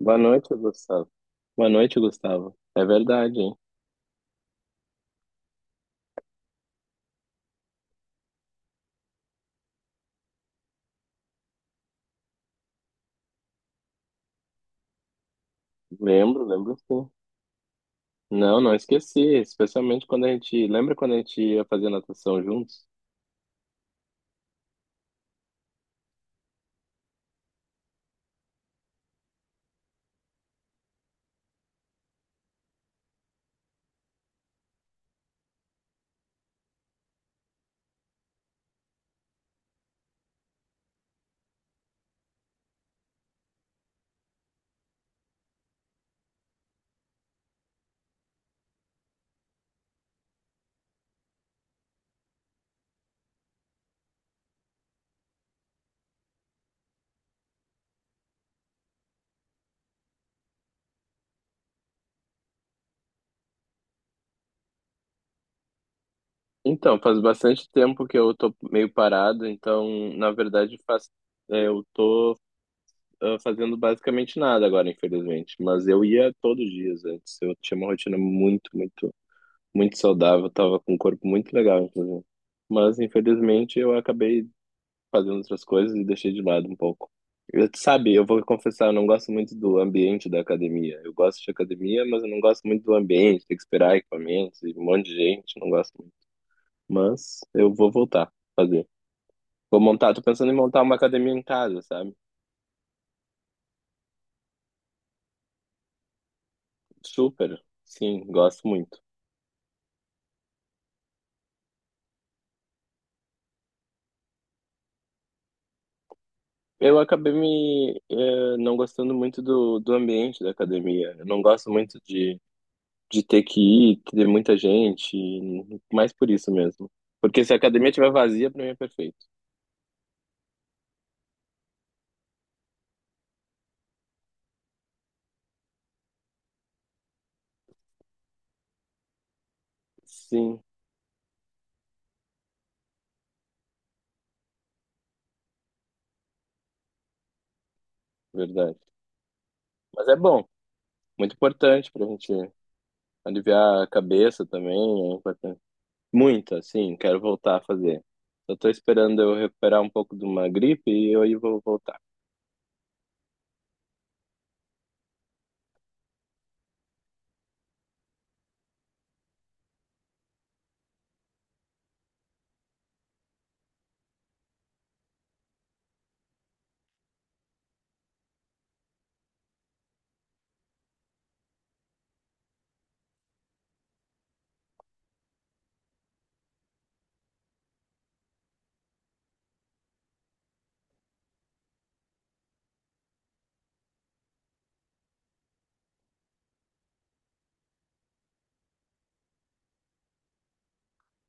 Boa noite, Gustavo. Boa noite, Gustavo. É verdade, hein? Lembro, lembro sim. Não, não esqueci, especialmente quando a gente. Lembra quando a gente ia fazer natação juntos? Então, faz bastante tempo que eu tô meio parado, então, na verdade, faz, eu tô fazendo basicamente nada agora, infelizmente. Mas eu ia todos os dias antes. Eu tinha uma rotina muito, muito saudável, tava com um corpo muito legal, inclusive. Mas, infelizmente, eu acabei fazendo outras coisas e deixei de lado um pouco. Eu, sabe, eu vou confessar, eu não gosto muito do ambiente da academia. Eu gosto de academia, mas eu não gosto muito do ambiente, tem que esperar equipamentos e um monte de gente, não gosto muito. Mas eu vou voltar a fazer. Vou montar, tô pensando em montar uma academia em casa, sabe? Super, sim, gosto muito. Eu acabei me não gostando muito do ambiente da academia. Eu não gosto muito de ter que ir, ter muita gente, e mais por isso mesmo. Porque se a academia estiver vazia, para mim é perfeito. Sim, verdade. Mas é bom, muito importante para a gente aliviar a cabeça também, é importante. Muito, assim, quero voltar a fazer. Eu tô esperando eu recuperar um pouco de uma gripe e eu aí vou voltar.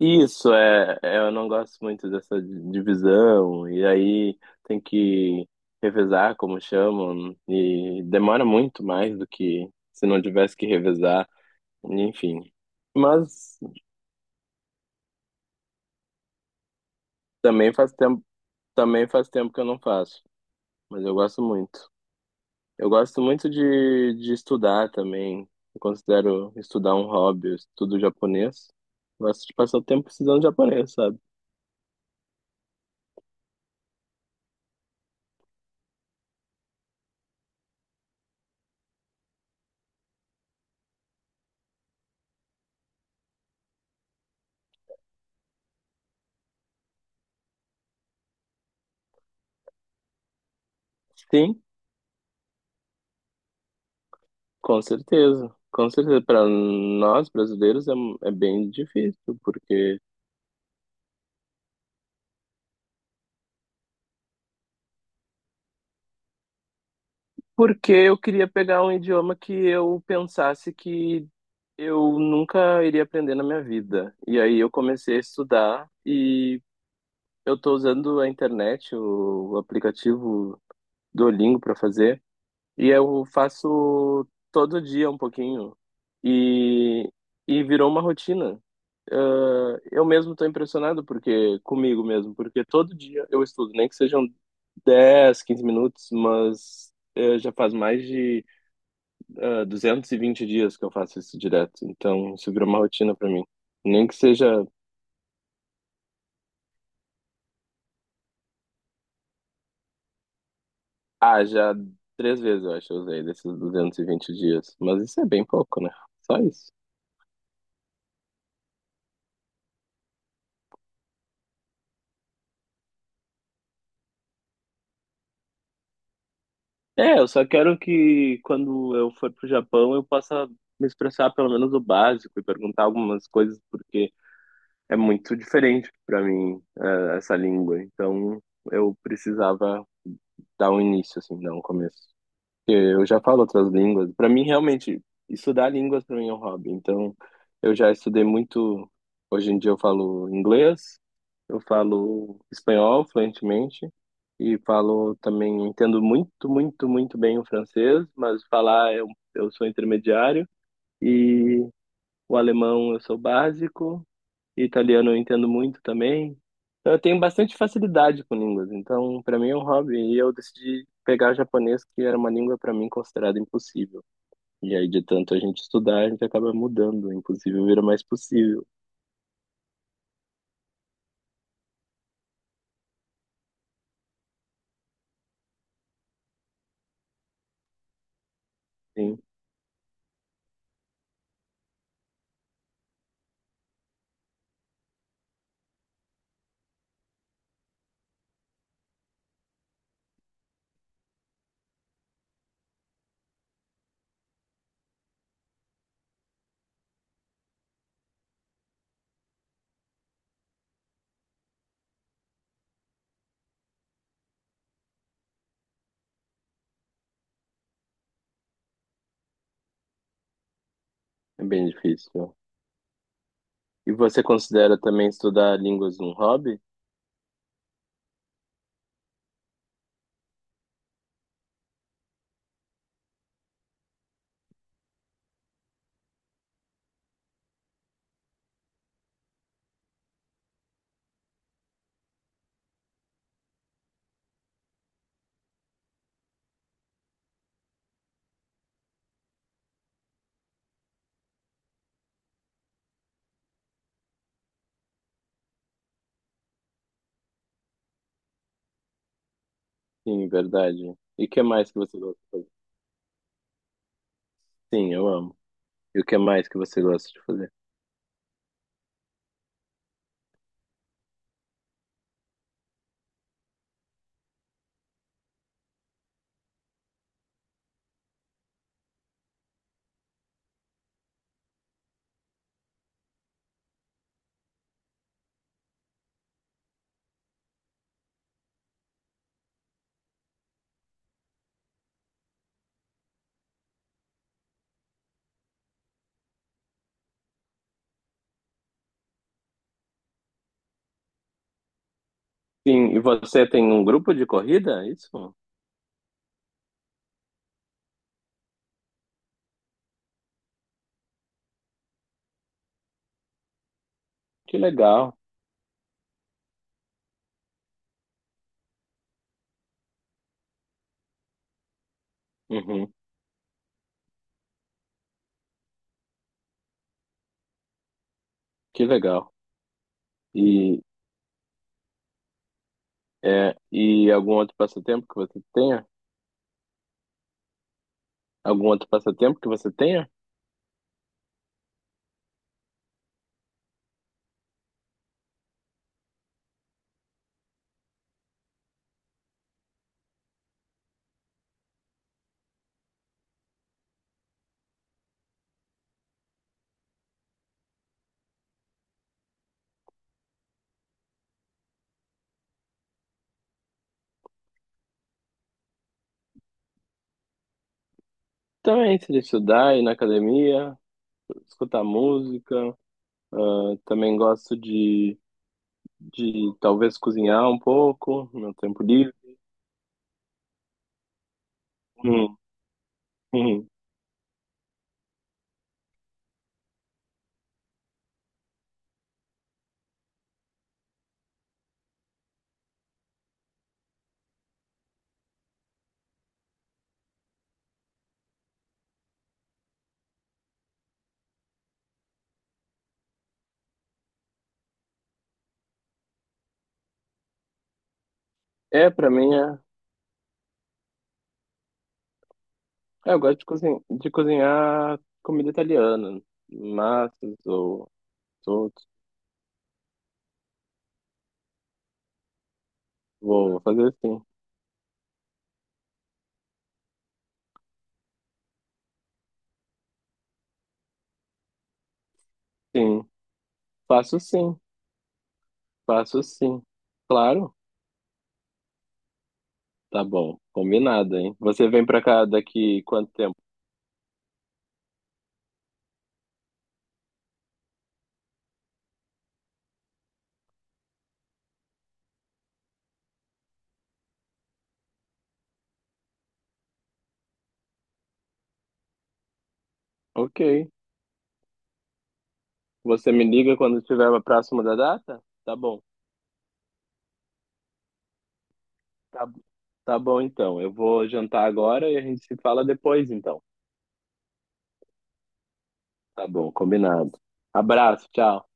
Isso, é, é, eu não gosto muito dessa divisão, e aí tem que revezar, como chamam, e demora muito mais do que se não tivesse que revezar, enfim. Mas também faz tempo, também faz tempo que eu não faço, mas eu gosto muito. Eu gosto muito de estudar também, eu considero estudar um hobby, eu estudo japonês, gosto de passar o tempo estudando japonês, sabe? Sim. Com certeza, com certeza. Para nós brasileiros é, é bem difícil, porque porque eu queria pegar um idioma que eu pensasse que eu nunca iria aprender na minha vida. E aí eu comecei a estudar e eu estou usando a internet, o aplicativo Duolingo para fazer. E eu faço todo dia um pouquinho. E, e virou uma rotina. Ah, eu mesmo estou impressionado porque comigo mesmo, porque todo dia eu estudo, nem que sejam 10, 15 minutos, mas já faz mais de 220 dias que eu faço isso direto. Então, isso virou uma rotina para mim. Nem que seja, ah, já três vezes eu acho que eu usei desses 220 dias, mas isso é bem pouco, né? Só isso. É, eu só quero que quando eu for pro Japão eu possa me expressar pelo menos o básico e perguntar algumas coisas, porque é muito diferente para mim, essa língua. Então eu precisava dar um início, assim, dar um começo. Eu já falo outras línguas. Para mim, realmente, estudar línguas para mim é um hobby. Então, eu já estudei muito. Hoje em dia eu falo inglês, eu falo espanhol fluentemente e falo também, entendo muito, muito, muito bem o francês, mas falar eu sou intermediário e o alemão eu sou básico e italiano eu entendo muito também. Então, eu tenho bastante facilidade com línguas. Então, para mim é um hobby. E eu decidi pegar japonês, que era uma língua para mim considerada impossível. E aí, de tanto a gente estudar, a gente acaba mudando. O impossível vira mais possível. Sim, é bem difícil. E você considera também estudar línguas um hobby? Sim, verdade. E o que mais que você gosta de fazer? Sim, eu amo. E o que mais que você gosta de fazer? Sim, e você tem um grupo de corrida? É isso? Que legal. Uhum, que legal. E, É, e algum outro passatempo que você tenha? Algum outro passatempo que você tenha? Também, se de estudar, ir na academia, escutar música. Ah, também gosto de talvez cozinhar um pouco, no meu tempo livre. Hum, hum. É, pra mim, é, é, eu gosto de, cozin de cozinhar comida italiana, massas ou outros. Vou fazer sim. Sim, faço sim, faço sim. Claro. Tá bom, combinado, hein? Você vem pra cá daqui quanto tempo? Ok. Você me liga quando estiver próximo da data? Tá bom. Tá, tá bom, então. Eu vou jantar agora e a gente se fala depois, então. Tá bom, combinado. Abraço, tchau.